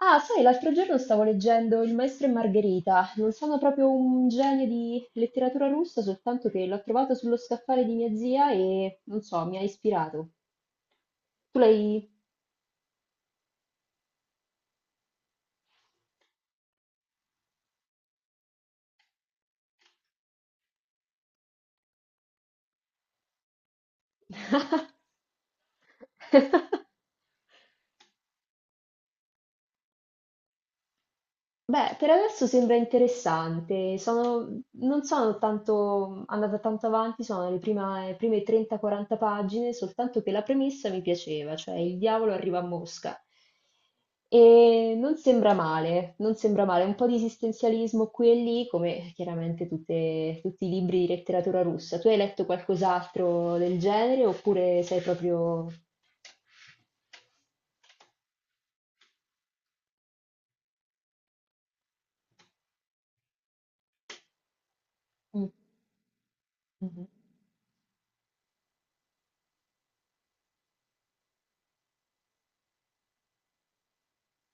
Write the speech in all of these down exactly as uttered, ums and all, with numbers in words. Ah, sai, l'altro giorno stavo leggendo Il Maestro e Margherita. Non sono proprio un genio di letteratura russa, soltanto che l'ho trovato sullo scaffale di mia zia e, non so, mi ha ispirato. Tu l'hai... Beh, per adesso sembra interessante. Sono non sono tanto andata tanto avanti, sono le prima- prime trenta quaranta pagine, soltanto che la premessa mi piaceva, cioè il diavolo arriva a Mosca. E non sembra male, non sembra male, un po' di esistenzialismo qui e lì, come chiaramente tutte- tutti i libri di letteratura russa. Tu hai letto qualcos'altro del genere oppure sei proprio... Mm, mhm.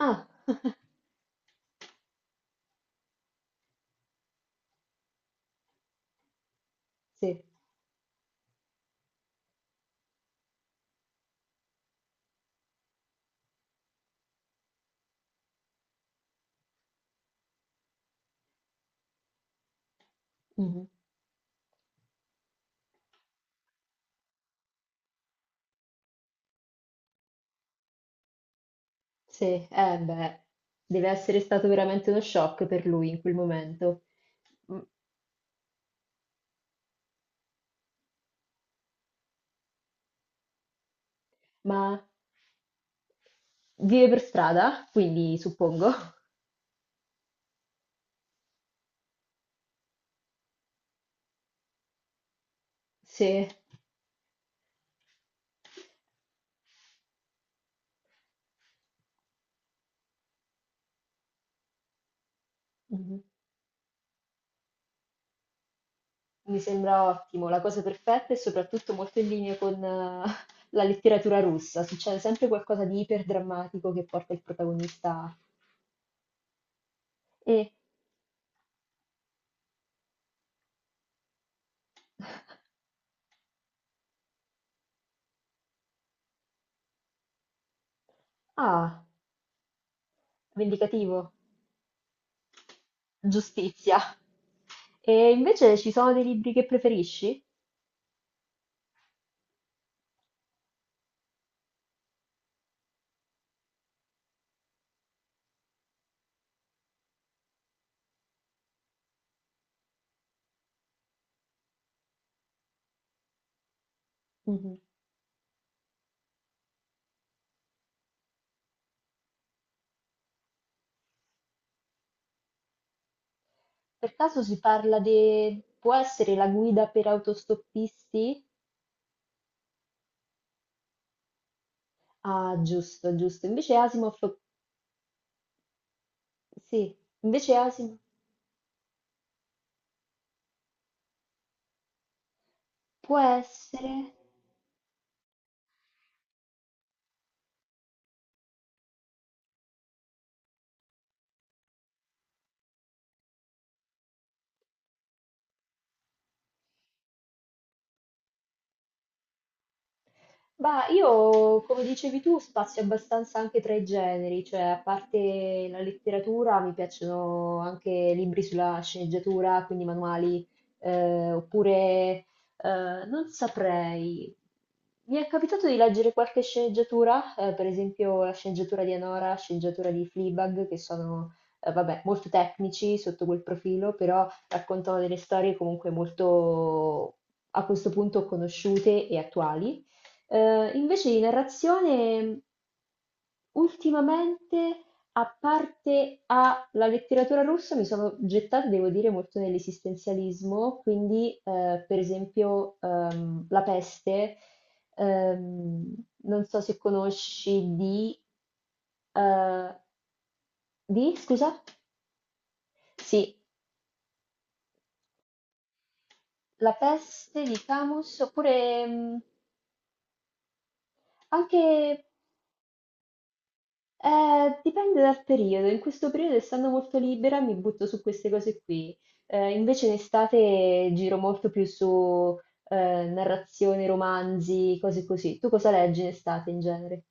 Ah, sì. Mhm. Sì, eh beh, deve essere stato veramente uno shock per lui in quel momento. M- Ma vive per strada, quindi suppongo. Sì. Mhm. Mi sembra ottimo, la cosa perfetta e soprattutto molto in linea con eh, la letteratura russa. Succede sempre qualcosa di iperdrammatico che porta il protagonista a... E, ah, vendicativo, giustizia. E invece ci sono dei libri che preferisci? Mhm. Per caso si parla di... può essere la guida per autostoppisti? Ah, giusto, giusto. Invece Asimov, sì, invece Asimov può essere... Ma io, come dicevi tu, spazio abbastanza anche tra i generi, cioè a parte la letteratura mi piacciono anche libri sulla sceneggiatura, quindi manuali, eh, oppure eh, non saprei. Mi è capitato di leggere qualche sceneggiatura, eh, per esempio la sceneggiatura di Anora, la sceneggiatura di Fleabag, che sono, eh, vabbè, molto tecnici sotto quel profilo, però raccontano delle storie comunque molto, a questo punto, conosciute e attuali. Ehm, invece di narrazione, ultimamente, a parte a la letteratura russa, mi sono gettata, devo dire, molto nell'esistenzialismo, quindi eh, per esempio ehm, La peste, ehm, non so se conosci di... eh, di, scusa? Sì, La peste di Camus, oppure mm, anche. Eh, dipende dal periodo, in questo periodo essendo molto libera mi butto su queste cose qui. Eh, invece in estate giro molto più su eh, narrazione, romanzi, cose così. Tu cosa leggi in estate in genere?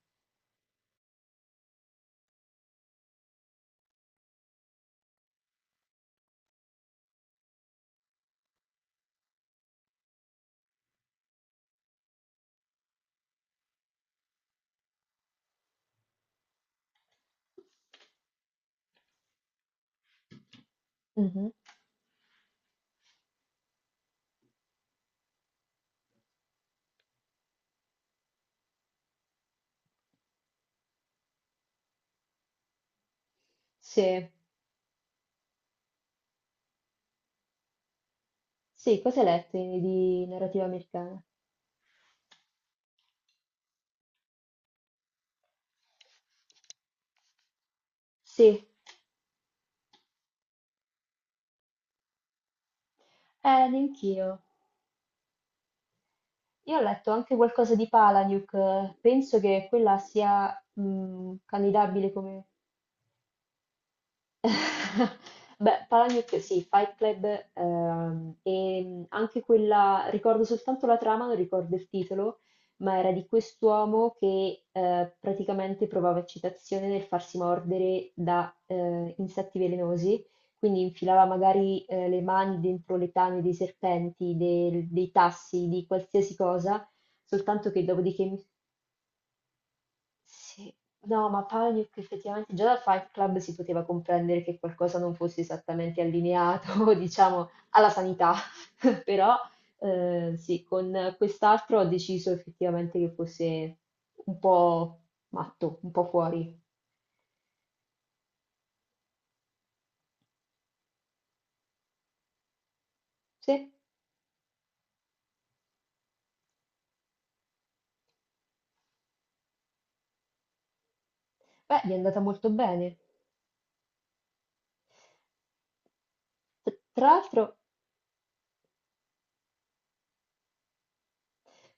Mhm. Sì, sì, cosa hai letto in- di narrativa americana? Sì, eh, anch'io. Io ho letto anche qualcosa di Palahniuk, eh, penso che quella sia mm, candidabile come beh, Palagnet, sì, Fight Club, ehm, e anche quella, ricordo soltanto la trama, non ricordo il titolo, ma era di quest'uomo che eh, praticamente provava eccitazione nel farsi mordere da eh, insetti velenosi, quindi infilava magari eh, le mani dentro le tane dei serpenti, del- dei tassi, di qualsiasi cosa, soltanto che dopodiché sì. No, ma Panic effettivamente già da Fight Club si poteva comprendere che qualcosa non fosse esattamente allineato, diciamo, alla sanità. Però eh, sì, con quest'altro ho deciso effettivamente che fosse un po' matto, un po' fuori. Sì, beh, gli è andata molto bene. Tr- Tra l'altro,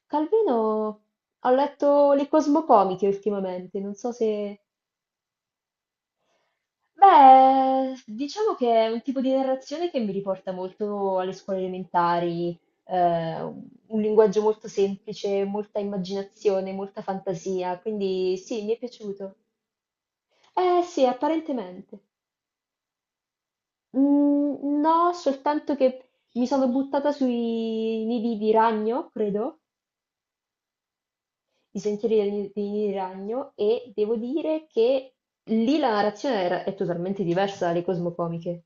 Calvino, ho letto le Cosmocomiche ultimamente, non so se... Beh, diciamo che è un tipo di narrazione che mi riporta molto alle scuole elementari, eh, un linguaggio molto semplice, molta immaginazione, molta fantasia, quindi sì, mi è piaciuto. Eh sì, apparentemente. Mm, no, soltanto che mi sono buttata sui nidi di ragno, credo, i sentieri dei dei nidi di ragno, e devo dire che lì la narrazione era- è totalmente diversa dalle cosmocomiche.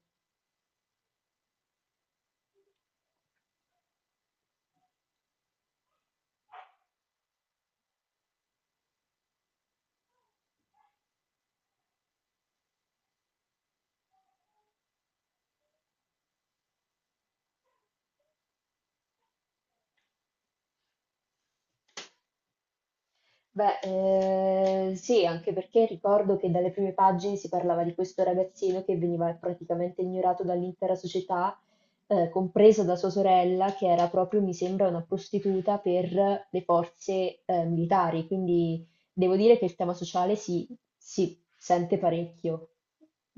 Beh, eh, sì, anche perché ricordo che dalle prime pagine si parlava di questo ragazzino che veniva praticamente ignorato dall'intera società, eh, compresa da sua sorella, che era proprio, mi sembra, una prostituta per le forze, eh, militari. Quindi devo dire che il tema sociale si, si sente parecchio,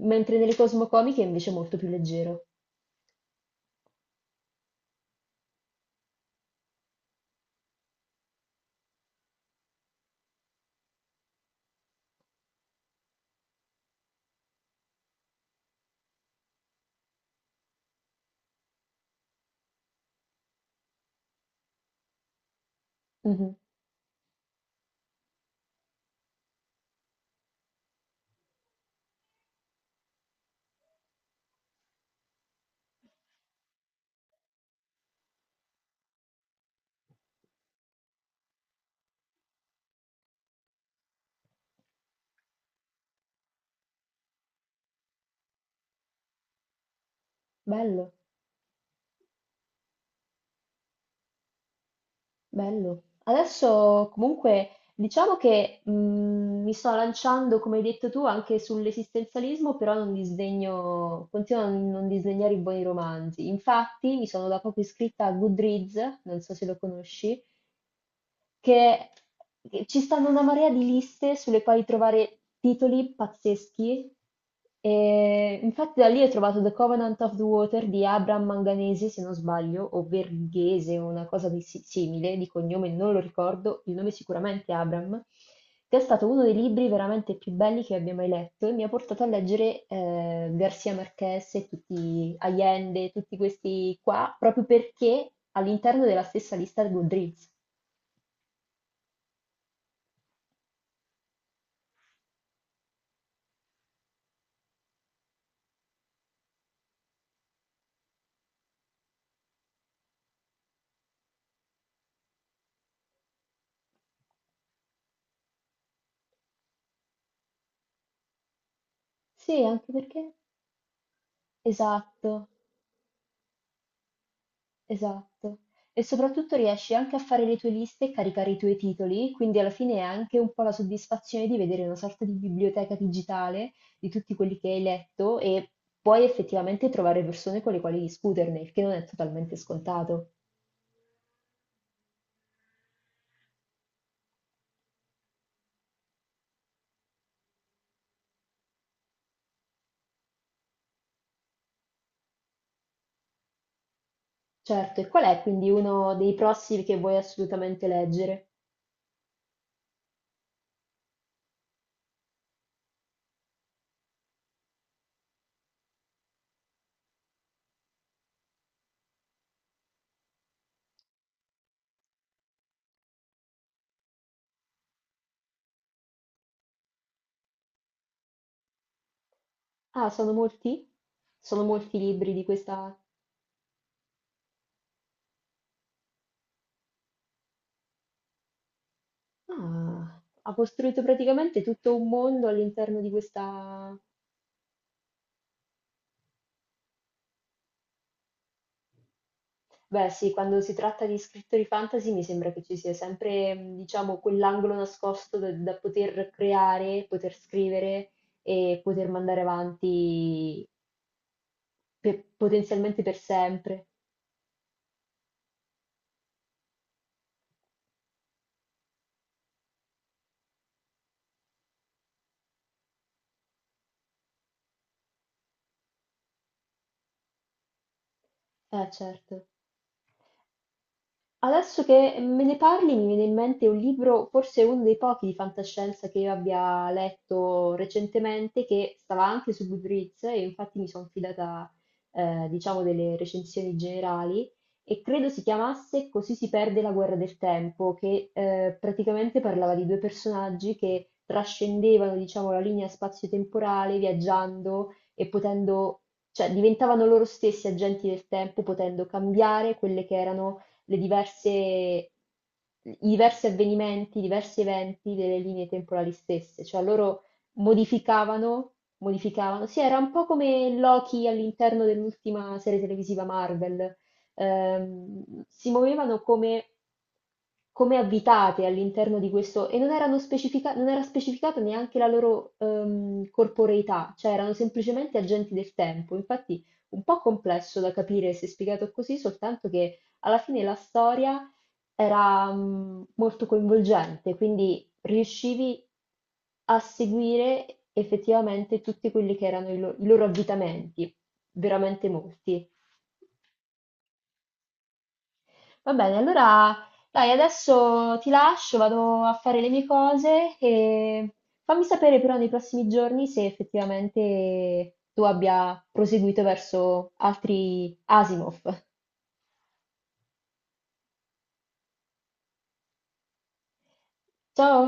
mentre nelle cosmocomiche è invece molto più leggero. Mhm. Bello. Bello. Adesso comunque diciamo che mh, mi sto lanciando, come hai detto tu, anche sull'esistenzialismo, però non disdegno, continuo a non disdegnare i buoni romanzi. Infatti mi sono da poco iscritta a Goodreads, non so se lo conosci, che che ci stanno una marea di liste sulle quali trovare titoli pazzeschi. E infatti da lì ho trovato The Covenant of the Water di Abraham Manganese, se non sbaglio, o Verghese, una cosa di si- simile, di cognome non lo ricordo, il nome sicuramente è Abraham, che è stato uno dei libri veramente più belli che abbia mai letto e mi ha portato a leggere eh, García Márquez e tutti Allende, tutti questi qua, proprio perché all'interno della stessa lista di Goodreads. Sì, anche perché esatto, esatto. E soprattutto riesci anche a fare le tue liste e caricare i tuoi titoli, quindi alla fine è anche un po' la soddisfazione di vedere una sorta di biblioteca digitale di tutti quelli che hai letto e puoi effettivamente trovare persone con le quali discuterne, il che non è totalmente scontato. Certo, e qual è quindi uno dei prossimi che vuoi assolutamente leggere? Ah, sono molti? Sono molti i libri di questa... Ah, ha costruito praticamente tutto un mondo all'interno di questa... Beh, sì, quando si tratta di scrittori fantasy mi sembra che ci sia sempre, mh, diciamo, quell'angolo nascosto da, da poter creare, poter scrivere e poter mandare avanti per- potenzialmente per sempre. Eh, certo. Adesso che me ne parli mi viene in mente un libro, forse uno dei pochi di fantascienza che io abbia letto recentemente, che stava anche su Goodreads e infatti mi sono fidata, eh, diciamo, delle recensioni generali, e credo si chiamasse Così si perde la guerra del tempo, che eh, praticamente parlava di due personaggi che trascendevano, diciamo, la linea spazio-temporale viaggiando e potendo, cioè diventavano loro stessi agenti del tempo, potendo cambiare quelle che erano le diverse, i diversi avvenimenti, i diversi eventi delle linee temporali stesse, cioè loro modificavano, modificavano, sì, era un po' come Loki all'interno dell'ultima serie televisiva Marvel. Ehm, si muovevano come come abitate all'interno di questo e non erano specifica- non era specificata neanche la loro ehm, corporeità, cioè erano semplicemente agenti del tempo. Infatti, un po' complesso da capire se spiegato così, soltanto che alla fine la storia era mm, molto coinvolgente, quindi riuscivi a seguire effettivamente tutti quelli che erano i lo- i loro avvitamenti, veramente molti. Va bene, allora dai, adesso ti lascio, vado a fare le mie cose e fammi sapere però nei prossimi giorni se effettivamente tu abbia proseguito verso altri Asimov. Ciao!